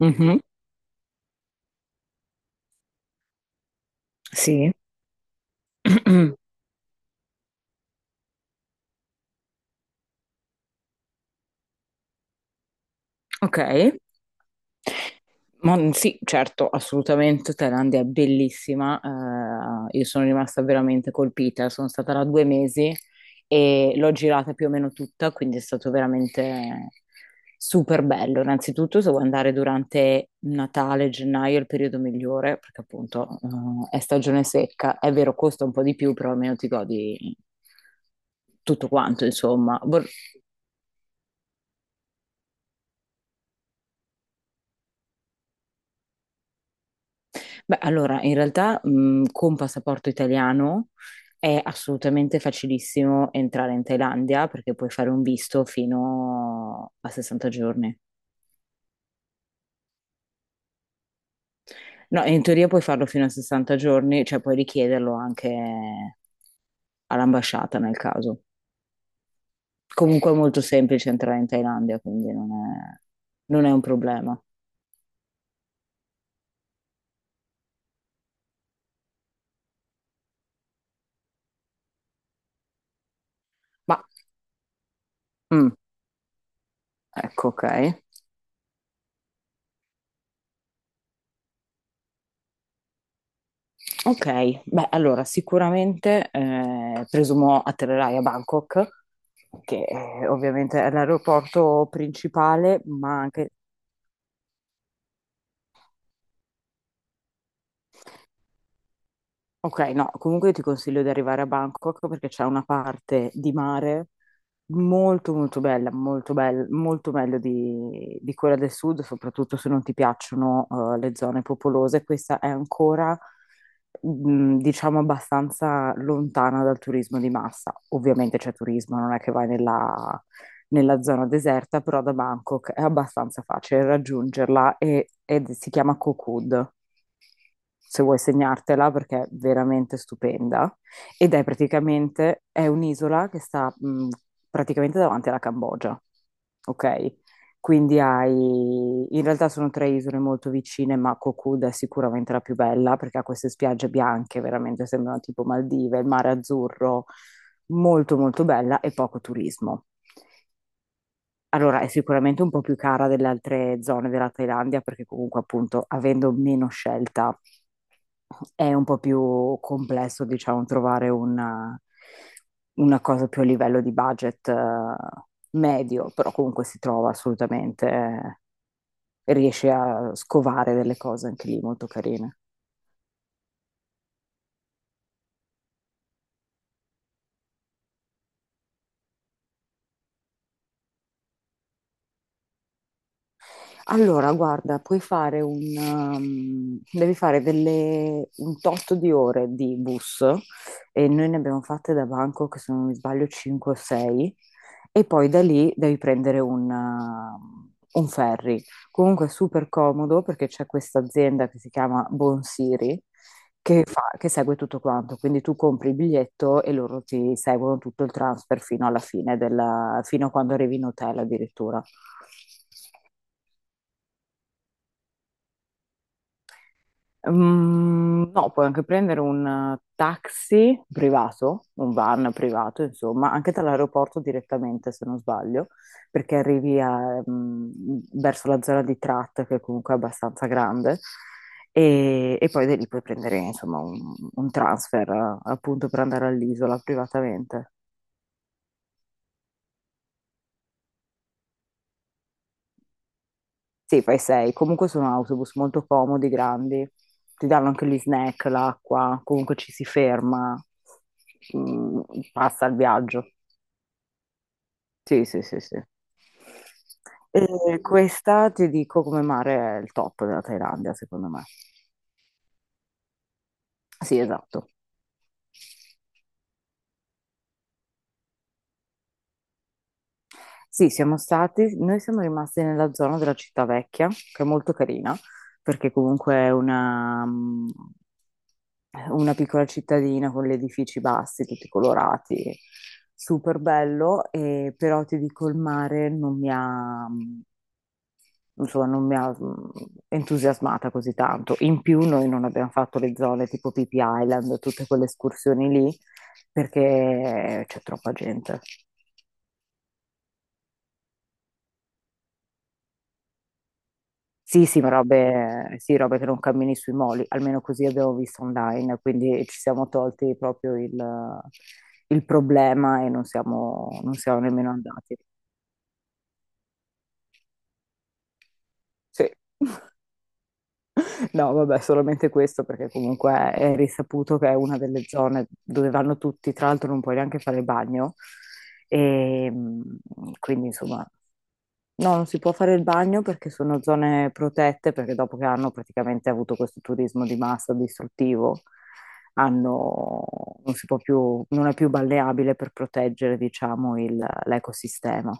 Mhm, sì, ok. Ma mhmm, sì, certo, assolutamente. Thailandia è bellissima. Io sono rimasta veramente colpita. Sono stata là 2 mesi e l'ho girata più o meno tutta, quindi è stato veramente super bello. Innanzitutto, se vuoi andare durante Natale, gennaio è il periodo migliore, perché appunto, è stagione secca. È vero, costa un po' di più, però almeno ti godi tutto quanto, insomma. Beh, allora, in realtà, con passaporto italiano è assolutamente facilissimo entrare in Thailandia perché puoi fare un visto fino a 60 giorni. No, in teoria puoi farlo fino a 60 giorni, cioè puoi richiederlo anche all'ambasciata nel caso. Comunque è molto semplice entrare in Thailandia, quindi non è un problema. Ma, mm, ecco, ok. Ok, beh, allora sicuramente presumo atterrerai a Bangkok, che ovviamente è l'aeroporto principale, ma anche. Ok, no, comunque io ti consiglio di arrivare a Bangkok perché c'è una parte di mare molto molto bella, molto bella, molto meglio di quella del sud, soprattutto se non ti piacciono le zone popolose. Questa è ancora, diciamo, abbastanza lontana dal turismo di massa. Ovviamente c'è turismo, non è che vai nella zona deserta, però da Bangkok è abbastanza facile raggiungerla ed si chiama Koh Kood se vuoi segnartela perché è veramente stupenda ed è un'isola che sta praticamente davanti alla Cambogia, ok? Quindi hai, in realtà sono tre isole molto vicine, ma Koh Kood è sicuramente la più bella perché ha queste spiagge bianche, veramente sembrano tipo Maldive, il mare azzurro, molto molto bella e poco turismo. Allora, è sicuramente un po' più cara delle altre zone della Thailandia perché comunque appunto avendo meno scelta è un po' più complesso, diciamo, trovare una cosa più a livello di budget medio, però comunque si trova assolutamente, riesci a scovare delle cose anche lì molto carine. Allora, guarda, puoi fare un, um, devi fare delle, un tot di ore di bus e noi ne abbiamo fatte da Bangkok, se non mi sbaglio, 5 o 6 e poi da lì devi prendere un ferry. Comunque è super comodo perché c'è questa azienda che si chiama Bonsiri che segue tutto quanto, quindi tu compri il biglietto e loro ti seguono tutto il transfer fino alla fine della, fino a quando arrivi in hotel addirittura. Mm, no, puoi anche prendere un taxi privato, un van privato, insomma, anche dall'aeroporto direttamente, se non sbaglio, perché arrivi a, verso la zona di Trat, che comunque è abbastanza grande, e poi da lì puoi prendere, insomma, un transfer, appunto, per andare all'isola privatamente. Sì, fai sei. Comunque sono autobus molto comodi, grandi. Ti danno anche gli snack, l'acqua, comunque ci si ferma, mm, passa il viaggio. Sì, sì, sì, sì. E questa ti dico come mare è il top della Thailandia, secondo me. Sì, esatto. Sì, siamo stati, noi siamo rimasti nella zona della città vecchia, che è molto carina, perché comunque è una piccola cittadina con gli edifici bassi, tutti colorati, super bello, però ti dico il mare non mi ha, mm, insomma, non mi ha entusiasmata così tanto. In più noi non abbiamo fatto le zone tipo Pippi Island, tutte quelle escursioni lì, perché c'è troppa gente. Sì, sì, sì, robe che non cammini sui moli, almeno così abbiamo visto online, quindi ci siamo tolti proprio il problema e non siamo nemmeno andati. Sì. No, vabbè, solamente questo perché comunque è risaputo che è una delle zone dove vanno tutti, tra l'altro non puoi neanche fare il bagno, e quindi insomma. No, non si può fare il bagno perché sono zone protette, perché dopo che hanno praticamente avuto questo turismo di massa distruttivo, hanno, non si può più, non è più balneabile per proteggere, diciamo, l'ecosistema.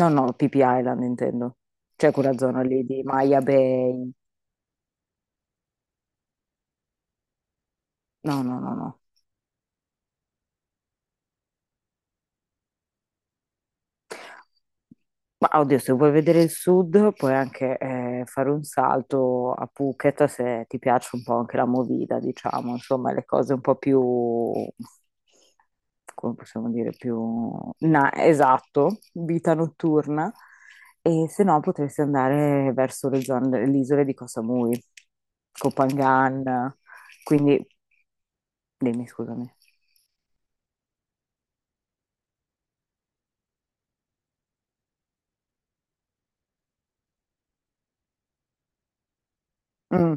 No, no, PP Island intendo. C'è quella zona lì di Maya Bay. No, no, no, no. Ma oddio, se vuoi vedere il sud, puoi anche fare un salto a Phuket se ti piace un po' anche la movida, diciamo, insomma, le cose un po' più, come possiamo dire, più, esatto, vita notturna. E se no potresti andare verso le zone, delle isole di Koh Samui, Koh Phangan, quindi. Dimmi, scusami. Mm,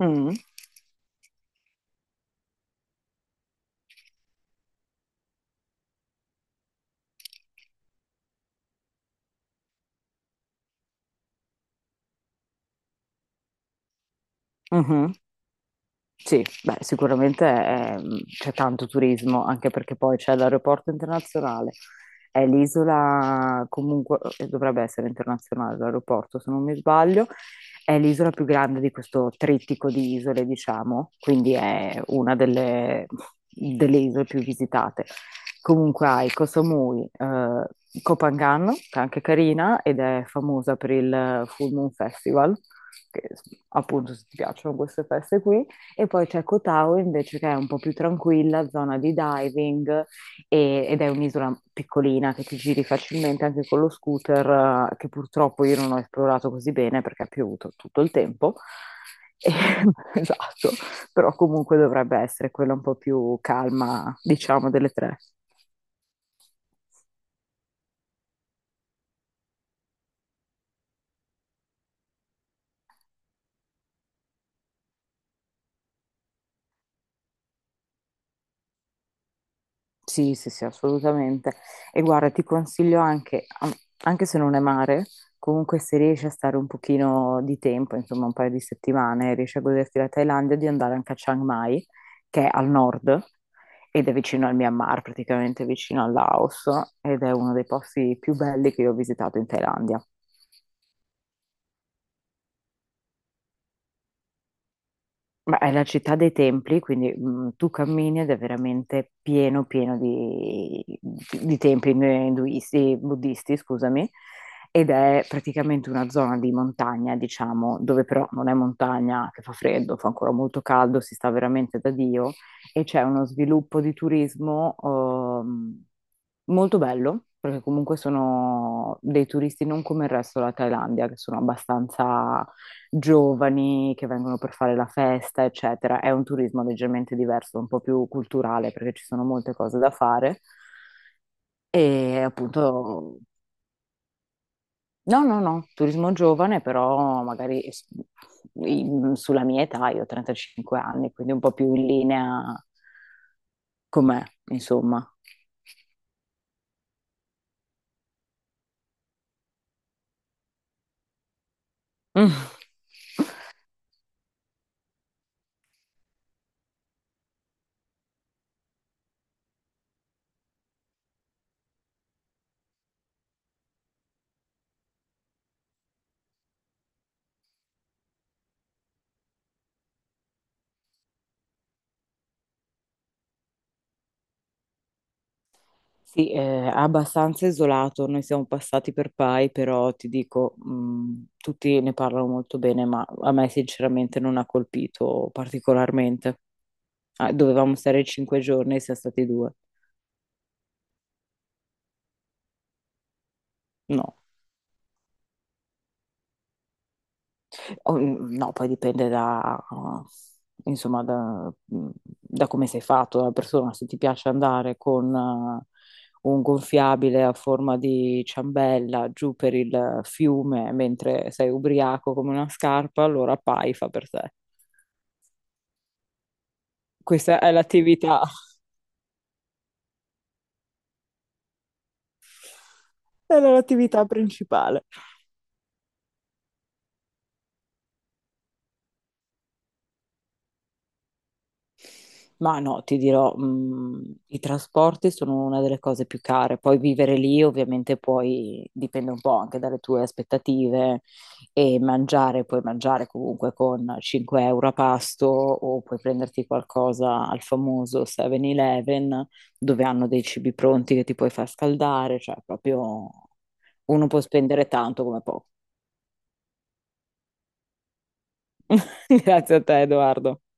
mm, mhm. Sì, beh, sicuramente c'è tanto turismo, anche perché poi c'è l'aeroporto internazionale, è l'isola comunque, dovrebbe essere internazionale l'aeroporto se non mi sbaglio, è l'isola più grande di questo trittico di isole, diciamo, quindi è una delle isole più visitate. Comunque hai Koh Samui, Koh Phangan, che è anche carina ed è famosa per il Full Moon Festival, che appunto se ti piacciono queste feste qui. E poi c'è Koh Tao invece che è un po' più tranquilla, zona di diving ed è un'isola piccolina che ti giri facilmente anche con lo scooter, che purtroppo io non ho esplorato così bene perché ha piovuto tutto il tempo. E- esatto, però comunque dovrebbe essere quella un po' più calma, diciamo, delle tre. Sì, sì, sì, assolutamente. E guarda, ti consiglio anche, anche se non è mare, comunque se riesci a stare un pochino di tempo, insomma un paio di settimane, riesci a goderti la Thailandia, di andare anche a Chiang Mai, che è al nord ed è vicino al Myanmar, praticamente vicino al Laos, ed è uno dei posti più belli che io ho visitato in Thailandia. Ma è la città dei templi, quindi tu cammini ed è veramente pieno di templi induisti, buddisti, scusami, ed è praticamente una zona di montagna, diciamo, dove però non è montagna, che fa freddo, fa ancora molto caldo, si sta veramente da Dio, e c'è uno sviluppo di turismo molto bello, perché comunque sono dei turisti non come il resto della Thailandia, che sono abbastanza giovani che vengono per fare la festa, eccetera. È un turismo leggermente diverso, un po' più culturale perché ci sono molte cose da fare e appunto no, no, no, turismo giovane, però magari sulla mia età, io ho 35 anni, quindi un po' più in linea con me, insomma. Mm. Sì, è abbastanza isolato, noi siamo passati per Pai, però ti dico, tutti ne parlano molto bene, ma a me sinceramente non ha colpito particolarmente. Ah, dovevamo stare 5 giorni, siamo stati due. No. No, poi dipende da, insomma, da come sei fatto, dalla persona. Se ti piace andare con un gonfiabile a forma di ciambella giù per il fiume mentre sei ubriaco come una scarpa, allora pai fa per te. Questa è l'attività, è l'attività principale. Ma no, ti dirò, i trasporti sono una delle cose più care. Poi vivere lì ovviamente poi dipende un po' anche dalle tue aspettative e mangiare, puoi mangiare comunque con 5 € a pasto o puoi prenderti qualcosa al famoso 7-Eleven dove hanno dei cibi pronti che ti puoi far scaldare, cioè proprio uno può spendere tanto come poco. Grazie a te, Edoardo.